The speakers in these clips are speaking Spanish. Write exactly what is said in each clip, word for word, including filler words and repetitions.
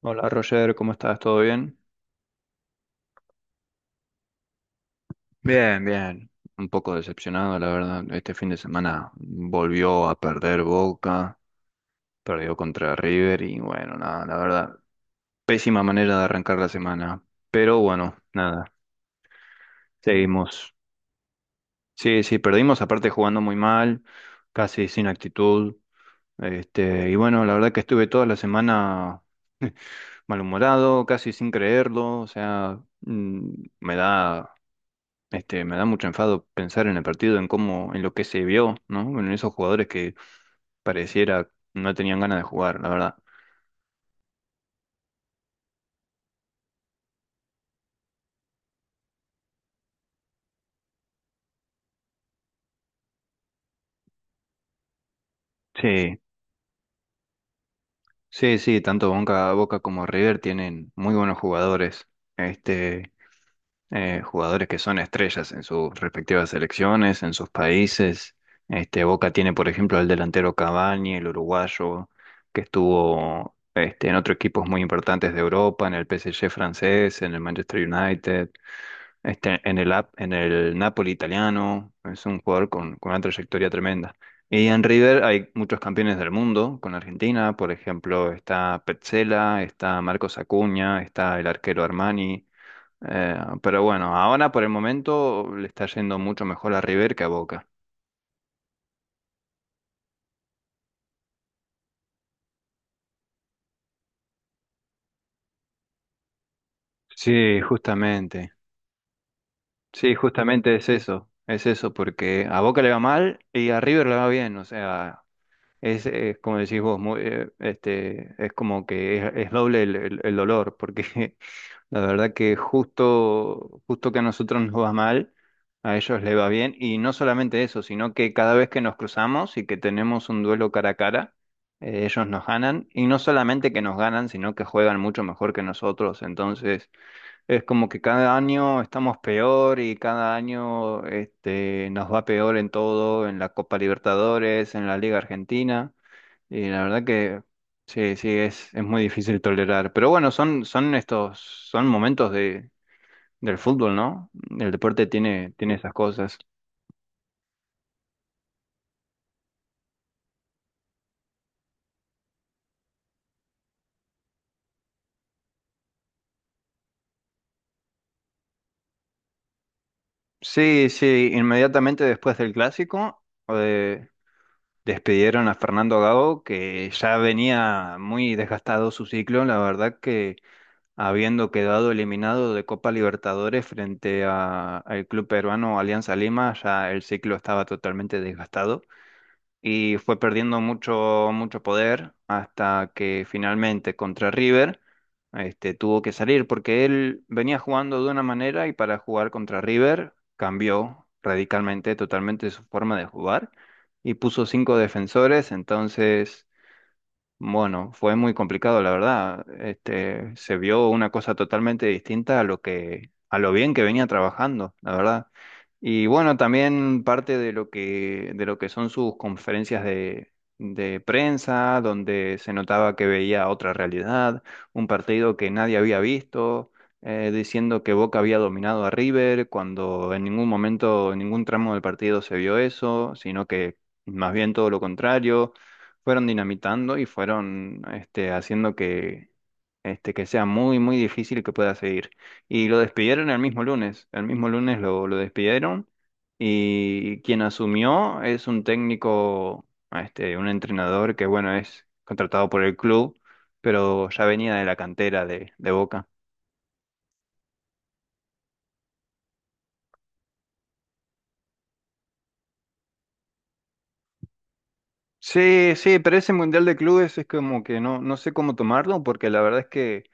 Hola Roger, ¿cómo estás? ¿Todo bien? Bien, bien. Un poco decepcionado, la verdad. Este fin de semana volvió a perder Boca, perdió contra River y bueno, nada, la verdad, pésima manera de arrancar la semana. Pero bueno, nada, seguimos. Sí, sí, perdimos, aparte jugando muy mal, casi sin actitud. Este, y bueno, la verdad que estuve toda la semana malhumorado, casi sin creerlo, o sea, mm, me da. Este, me da mucho enfado pensar en el partido, en cómo, en lo que se vio, ¿no? Bueno, en esos jugadores que pareciera no tenían ganas de jugar, la verdad. Sí, sí, sí, tanto Boca, Boca como River tienen muy buenos jugadores, este, eh, jugadores que son estrellas en sus respectivas selecciones, en sus países. Este, Boca tiene, por ejemplo, al delantero Cavani, el uruguayo, que estuvo, este, en otros equipos muy importantes de Europa, en el P S G francés, en el Manchester United. Este, en el, ap- en el Napoli italiano, es un jugador con, con una trayectoria tremenda. Y en River hay muchos campeones del mundo con Argentina, por ejemplo, está Petzela, está Marcos Acuña, está el arquero Armani. eh, pero bueno, ahora por el momento le está yendo mucho mejor a River que a Boca. Sí, justamente. Sí, justamente es eso. Es eso, porque a Boca le va mal y a River le va bien. O sea, es, eh, como decís vos, muy, eh, este, es como que es, es doble el, el- el dolor, porque la verdad que justo, justo que a nosotros nos va mal, a ellos les va bien, y no solamente eso, sino que cada vez que nos cruzamos y que tenemos un duelo cara a cara, eh, ellos nos ganan, y no solamente que nos ganan, sino que juegan mucho mejor que nosotros, entonces es como que cada año estamos peor y cada año este, nos va peor en todo, en la Copa Libertadores, en la Liga Argentina. Y la verdad que sí, sí, es, es muy difícil tolerar. Pero bueno, son, son estos, son momentos de, del fútbol, ¿no? El deporte tiene, tiene esas cosas. Sí, sí, inmediatamente después del clásico, eh, despidieron a Fernando Gago, que ya venía muy desgastado su ciclo, la verdad que habiendo quedado eliminado de Copa Libertadores frente a, al club peruano Alianza Lima, ya el ciclo estaba totalmente desgastado. Y fue perdiendo mucho, mucho poder hasta que finalmente contra River este, tuvo que salir porque él venía jugando de una manera y para jugar contra River cambió radicalmente, totalmente su forma de jugar y puso cinco defensores, entonces bueno, fue muy complicado, la verdad. Este, se vio una cosa totalmente distinta a lo que, a lo bien que venía trabajando, la verdad. Y bueno, también parte de lo que, de lo que son sus conferencias de, de prensa, donde se notaba que veía otra realidad, un partido que nadie había visto, eh, diciendo que Boca había dominado a River, cuando en ningún momento, en ningún tramo del partido se vio eso, sino que más bien todo lo contrario fueron dinamitando y fueron este, haciendo que, este, que sea muy, muy difícil que pueda seguir. Y lo despidieron el mismo lunes, el mismo lunes lo, lo despidieron y quien asumió es un técnico, este, un entrenador que, bueno, es contratado por el club, pero ya venía de la cantera de, de Boca. Sí, sí, pero ese Mundial de Clubes es como que no, no sé cómo tomarlo, porque la verdad es que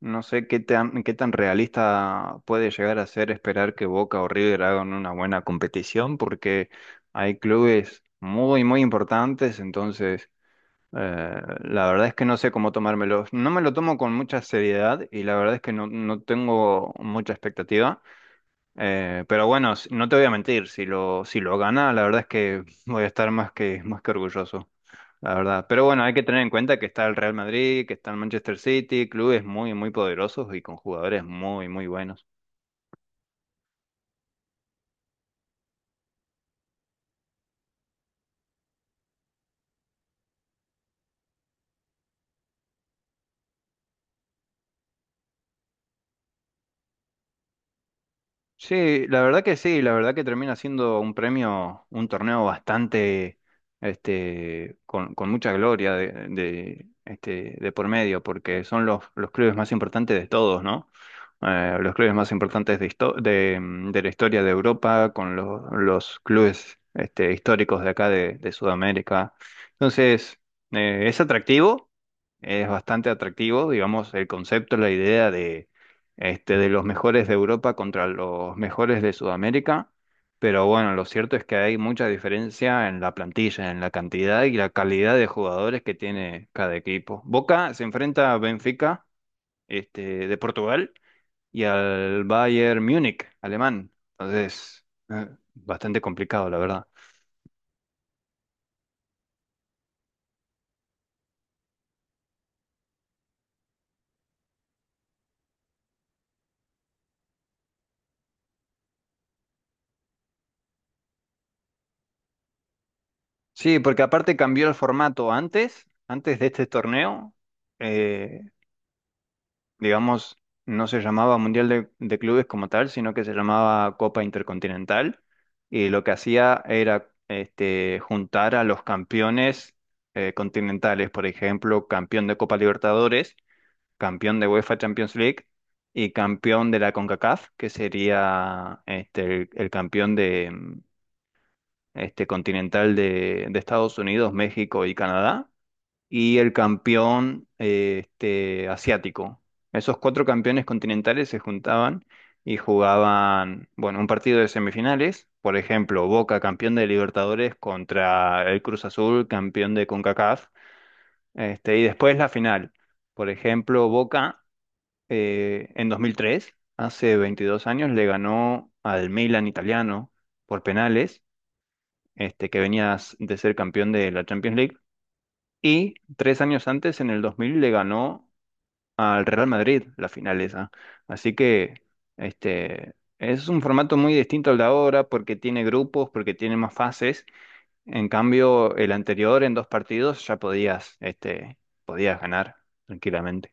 no sé qué tan, qué tan realista puede llegar a ser esperar que Boca o River hagan una buena competición, porque hay clubes muy, muy importantes, entonces eh, la verdad es que no sé cómo tomármelo. No me lo tomo con mucha seriedad y la verdad es que no, no tengo mucha expectativa, eh, pero bueno, s- no te voy a mentir, si lo, si lo gana, la verdad es que voy a estar más que, más que orgulloso la verdad. Pero bueno, hay que tener en cuenta que está el Real Madrid, que está el Manchester City, clubes muy, muy poderosos y con jugadores muy, muy buenos. Sí, la verdad que sí, la verdad que termina siendo un premio, un torneo bastante, este, con, con mucha gloria de, de, este, de por medio, porque son los, los clubes más importantes de todos, ¿no? Eh, los clubes más importantes de, histo- de, mm, de la historia de Europa, con los, los clubes, este, históricos de acá de, de Sudamérica. Entonces, eh, es atractivo, es bastante atractivo, digamos, el concepto, la idea este, de los mejores de Europa contra los mejores de Sudamérica, pero bueno, lo cierto es que hay mucha diferencia en la plantilla, en la cantidad y la calidad de jugadores que tiene cada equipo. Boca se enfrenta a Benfica, este, de Portugal y al Bayern Múnich, alemán. Entonces, eh, bastante complicado, la verdad. Sí, porque aparte cambió el formato antes, antes de este torneo. eh, digamos, no se llamaba Mundial de, de Clubes como tal, sino que se llamaba Copa Intercontinental. Y lo que hacía era este, juntar a los campeones eh, continentales, por ejemplo, campeón de Copa Libertadores, campeón de UEFA Champions League y campeón de la CONCACAF, que sería este, el, el campeón de, mm, este, continental de, de Estados Unidos, México y Canadá y el campeón eh, este, asiático. Esos cuatro campeones continentales se juntaban y jugaban, bueno, un partido de semifinales, por ejemplo, Boca campeón de Libertadores contra el Cruz Azul campeón de CONCACAF, este, y después la final. Por ejemplo, Boca eh, en dos mil tres, hace veintidós años, le ganó al Milan italiano por penales, este, que venía de ser campeón de la Champions League. Y tres años antes, en el dos mil, le ganó al Real Madrid la final esa. Así que este, es un formato muy distinto al de ahora porque tiene grupos, porque tiene más fases. En cambio, el anterior, en dos partidos, ya podías, este, podías ganar tranquilamente.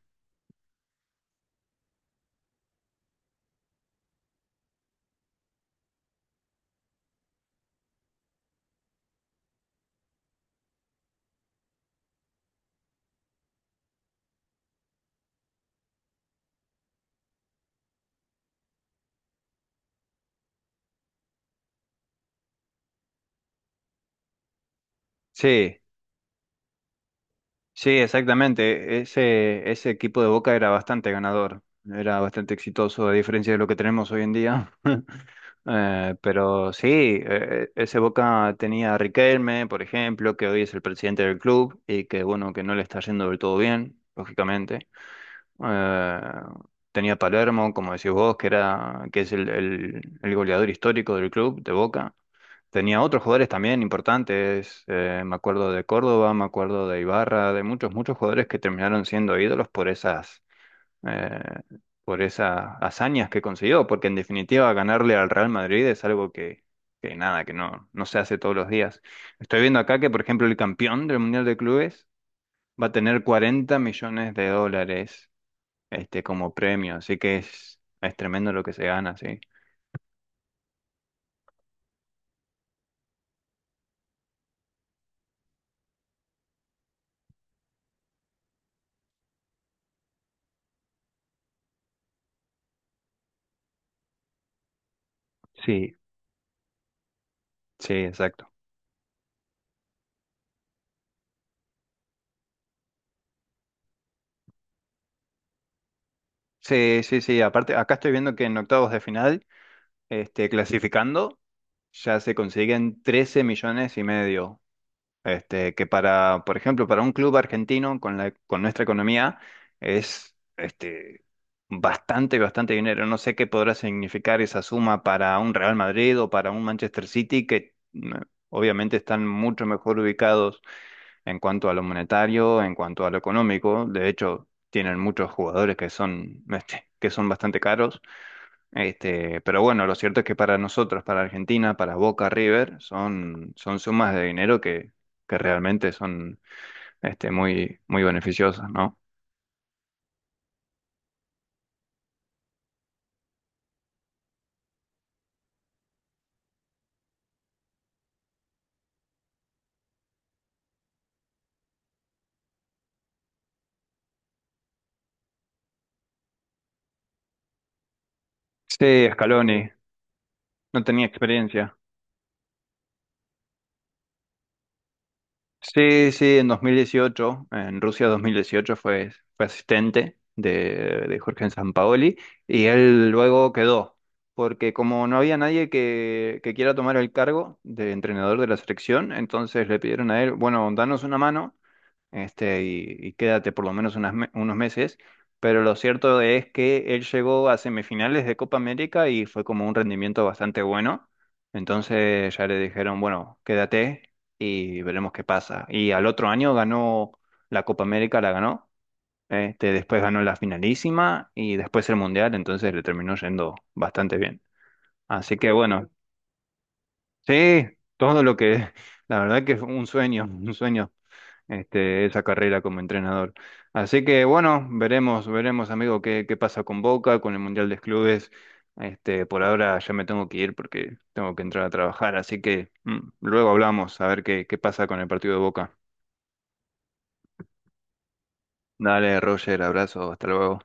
Sí, sí, exactamente. E-, Ese, ese equipo de Boca era bastante ganador, era bastante exitoso, a diferencia de lo que tenemos hoy en día. Eh, pero sí, eh, e, ese Boca tenía a Riquelme, por ejemplo, que hoy es el presidente del club y que bueno, que no le está yendo del todo bien, lógicamente. Eh, tenía a Palermo, como decís vos, que era, que es el, el- el goleador histórico del club de Boca. Tenía otros jugadores también importantes, eh, me acuerdo de Córdoba, me acuerdo de Ibarra, de muchos, muchos jugadores que terminaron siendo ídolos por esas eh, por esas hazañas que consiguió, porque en definitiva ganarle al Real Madrid es algo que, que nada, que no, no se hace todos los días. Estoy viendo acá que, por ejemplo, el campeón del Mundial de Clubes va a tener cuarenta millones de dólares este, como premio, así que es, es tremendo lo que se gana, sí. Sí, sí, exacto. Sí, sí, sí, aparte, acá estoy viendo que en octavos de final, este, clasificando, ya se consiguen trece millones y medio. Este, que para, por ejemplo, para un club argentino con la, con nuestra economía es este, bastante, bastante dinero. No sé qué podrá significar esa suma para un Real Madrid o para un Manchester City, que mm, obviamente están mucho mejor ubicados en cuanto a lo monetario, en cuanto a lo económico. De hecho, tienen muchos jugadores que son, este, que son bastante caros. Este, pero bueno, lo cierto es que para nosotros, para Argentina, para Boca River, son, son sumas de dinero que, que realmente son este, muy, muy beneficiosas, ¿no? Sí, Scaloni, no tenía experiencia. Sí, sí, en dos mil dieciocho, en Rusia dos mil dieciocho fue, fue asistente de, de Jorge Sampaoli y él luego quedó, porque como no había nadie que, que quiera tomar el cargo de entrenador de la selección, entonces le pidieron a él, bueno, danos una mano este, y, y quédate por lo menos unas me- unos meses. Pero lo cierto es que él llegó a semifinales de Copa América y fue como un rendimiento bastante bueno. Entonces ya le dijeron, bueno, quédate y veremos qué pasa. Y al otro año ganó la Copa América, la ganó. Este, después ganó la finalísima y después el Mundial, entonces le terminó yendo bastante bien. Así que bueno, sí, todo lo que, la verdad que fue un sueño, un sueño este, esa carrera como entrenador. Así que bueno, veremos, veremos, amigo, qué, qué pasa con Boca, con el Mundial de Clubes. Este, por ahora ya me tengo que ir porque tengo que entrar a trabajar, así que mm, luego hablamos a ver qué, qué pasa con el partido de Boca. Dale, Roger, abrazo, hasta luego.